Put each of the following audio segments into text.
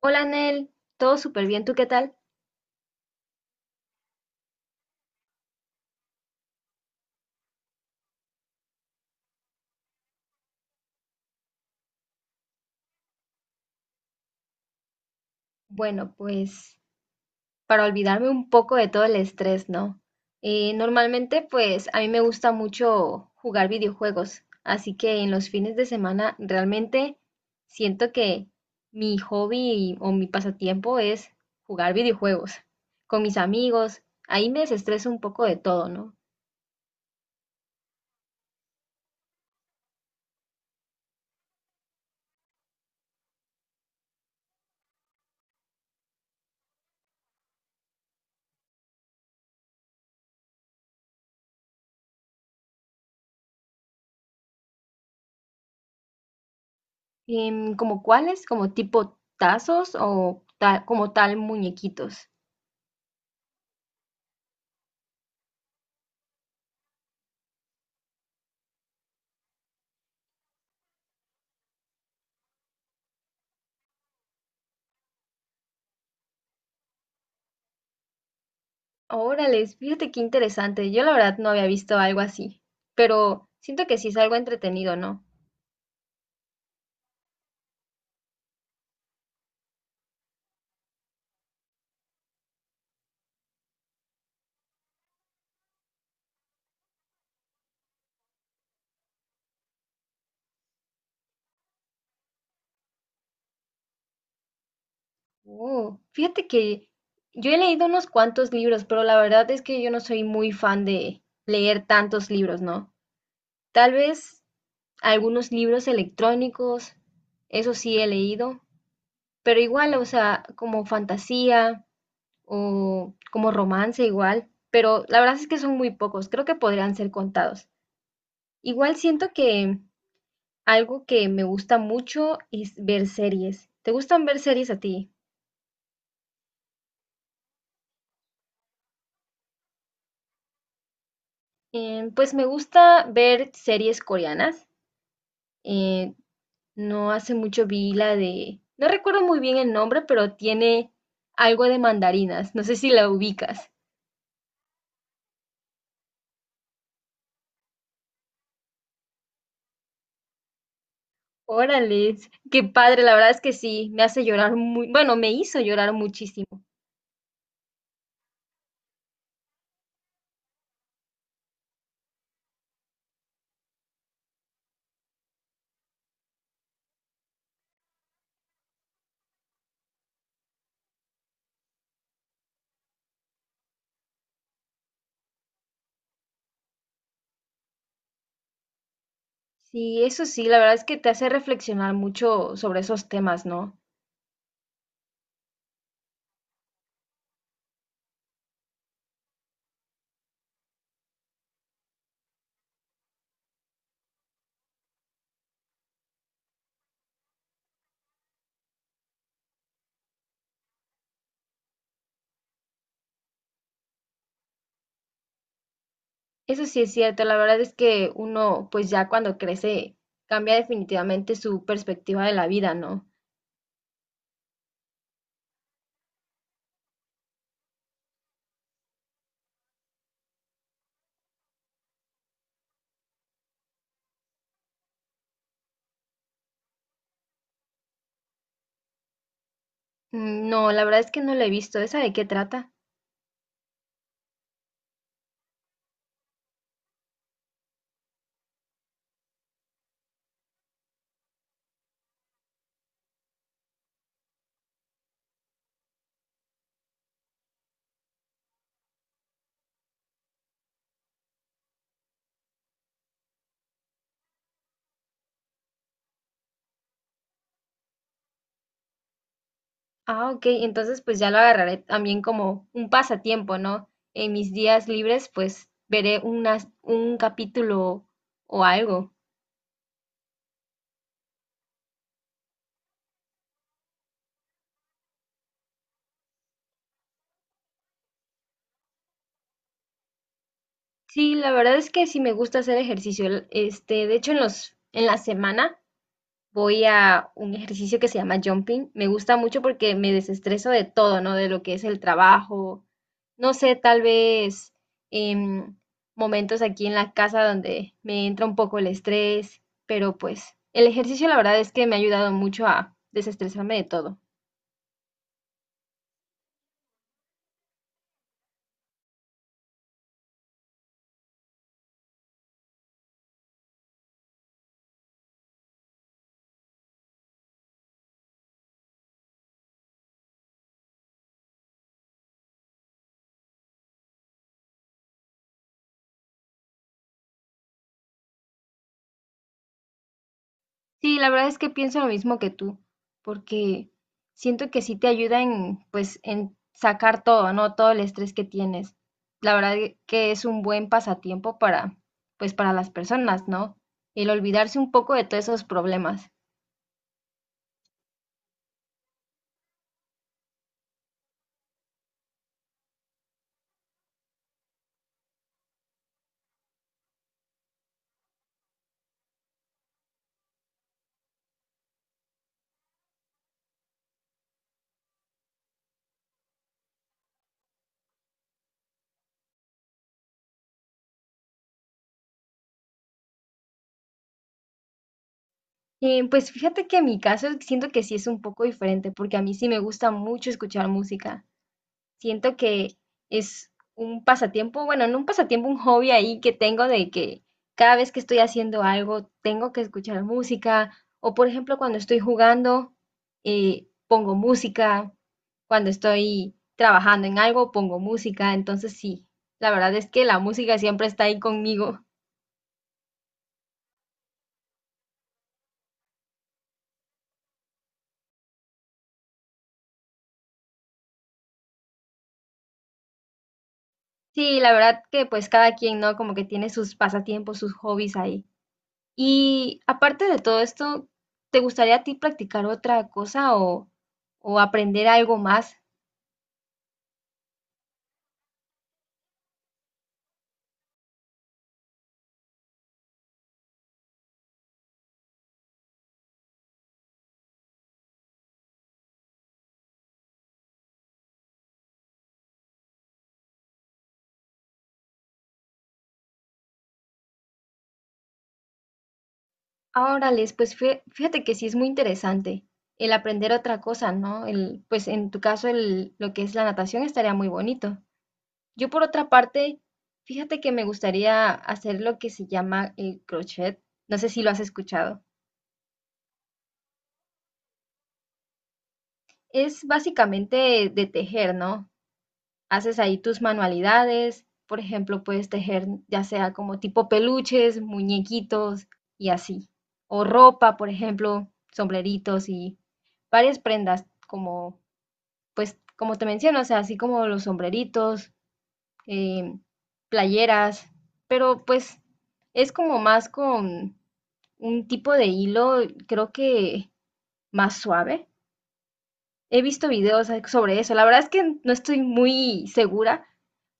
Hola Nel, todo súper bien, ¿tú qué tal? Bueno, pues para olvidarme un poco de todo el estrés, ¿no? Normalmente, pues a mí me gusta mucho jugar videojuegos, así que en los fines de semana realmente siento que mi hobby o mi pasatiempo es jugar videojuegos con mis amigos. Ahí me desestreso un poco de todo, ¿no? ¿Como cuáles? ¿Como tipo tazos o como tal muñequitos? Órale, fíjate qué interesante. Yo la verdad no había visto algo así, pero siento que sí es algo entretenido, ¿no? Oh, fíjate que yo he leído unos cuantos libros, pero la verdad es que yo no soy muy fan de leer tantos libros, ¿no? Tal vez algunos libros electrónicos, eso sí he leído, pero igual, o sea, como fantasía o como romance igual, pero la verdad es que son muy pocos, creo que podrían ser contados. Igual siento que algo que me gusta mucho es ver series. ¿Te gustan ver series a ti? Pues me gusta ver series coreanas. Eh, no hace mucho vi la de no recuerdo muy bien el nombre, pero tiene algo de mandarinas. No sé si la ubicas. Órale, qué padre, la verdad es que sí, me hace llorar muy, bueno, me hizo llorar muchísimo. Sí, eso sí, la verdad es que te hace reflexionar mucho sobre esos temas, ¿no? Eso sí es cierto, la verdad es que uno, pues ya cuando crece, cambia definitivamente su perspectiva de la vida, ¿no? Mm, no, la verdad es que no lo he visto. ¿Esa de qué trata? Ah, ok, entonces pues ya lo agarraré también como un pasatiempo, ¿no? En mis días libres, pues veré unas, un capítulo o algo. Sí, la verdad es que sí me gusta hacer ejercicio. Este, de hecho, en los, en la semana voy a un ejercicio que se llama jumping. Me gusta mucho porque me desestreso de todo, ¿no? De lo que es el trabajo. No sé, tal vez em, momentos aquí en la casa donde me entra un poco el estrés, pero pues el ejercicio la verdad es que me ha ayudado mucho a desestresarme de todo. Sí, la verdad es que pienso lo mismo que tú, porque siento que sí te ayuda en, pues, en sacar todo, ¿no? Todo el estrés que tienes. La verdad que es un buen pasatiempo para, pues, para las personas, ¿no? El olvidarse un poco de todos esos problemas. Pues fíjate que en mi caso siento que sí es un poco diferente, porque a mí sí me gusta mucho escuchar música. Siento que es un pasatiempo, bueno, no un pasatiempo, un hobby ahí que tengo de que cada vez que estoy haciendo algo tengo que escuchar música o por ejemplo cuando estoy jugando, pongo música, cuando estoy trabajando en algo pongo música, entonces sí, la verdad es que la música siempre está ahí conmigo. Sí, la verdad que pues cada quien, ¿no? Como que tiene sus pasatiempos, sus hobbies ahí. Y aparte de todo esto, ¿te gustaría a ti practicar otra cosa o aprender algo más? Ah, órales, pues fíjate que sí es muy interesante el aprender otra cosa, ¿no? El, pues en tu caso el, lo que es la natación estaría muy bonito. Yo por otra parte, fíjate que me gustaría hacer lo que se llama el crochet. No sé si lo has escuchado. Es básicamente de tejer, ¿no? Haces ahí tus manualidades, por ejemplo, puedes tejer ya sea como tipo peluches, muñequitos y así, o ropa, por ejemplo, sombreritos y varias prendas como, pues, como te menciono, o sea, así como los sombreritos, eh, playeras, pero pues es como más con un tipo de hilo, creo que más suave. He visto videos sobre eso. La verdad es que no estoy muy segura,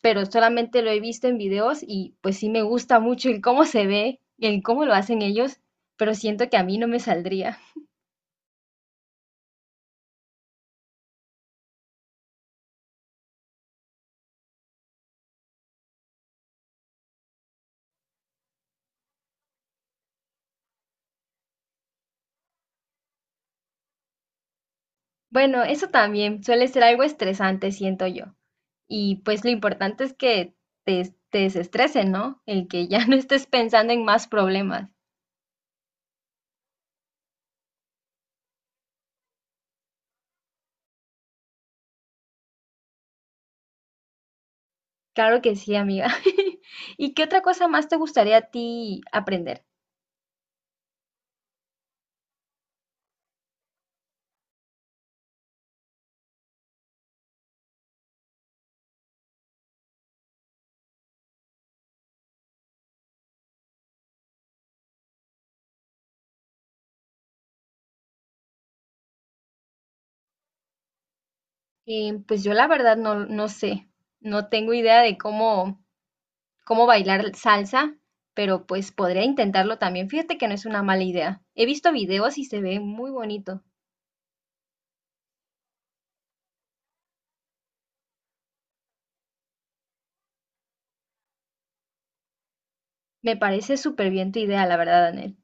pero solamente lo he visto en videos y pues sí me gusta mucho el cómo se ve, el cómo lo hacen ellos, pero siento que a mí no me saldría. Bueno, eso también suele ser algo estresante, siento yo. Y pues lo importante es que te desestresen, ¿no? El que ya no estés pensando en más problemas. Claro que sí, amiga. ¿Y qué otra cosa más te gustaría a ti aprender? Pues yo la verdad no, no sé, no tengo idea de cómo, cómo bailar salsa, pero pues podría intentarlo también. Fíjate que no es una mala idea. He visto videos y se ve muy bonito. Me parece súper bien tu idea, la verdad, Anel.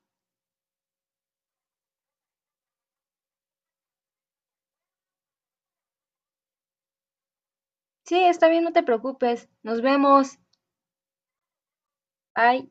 Sí, está bien, no te preocupes. Nos vemos. Bye.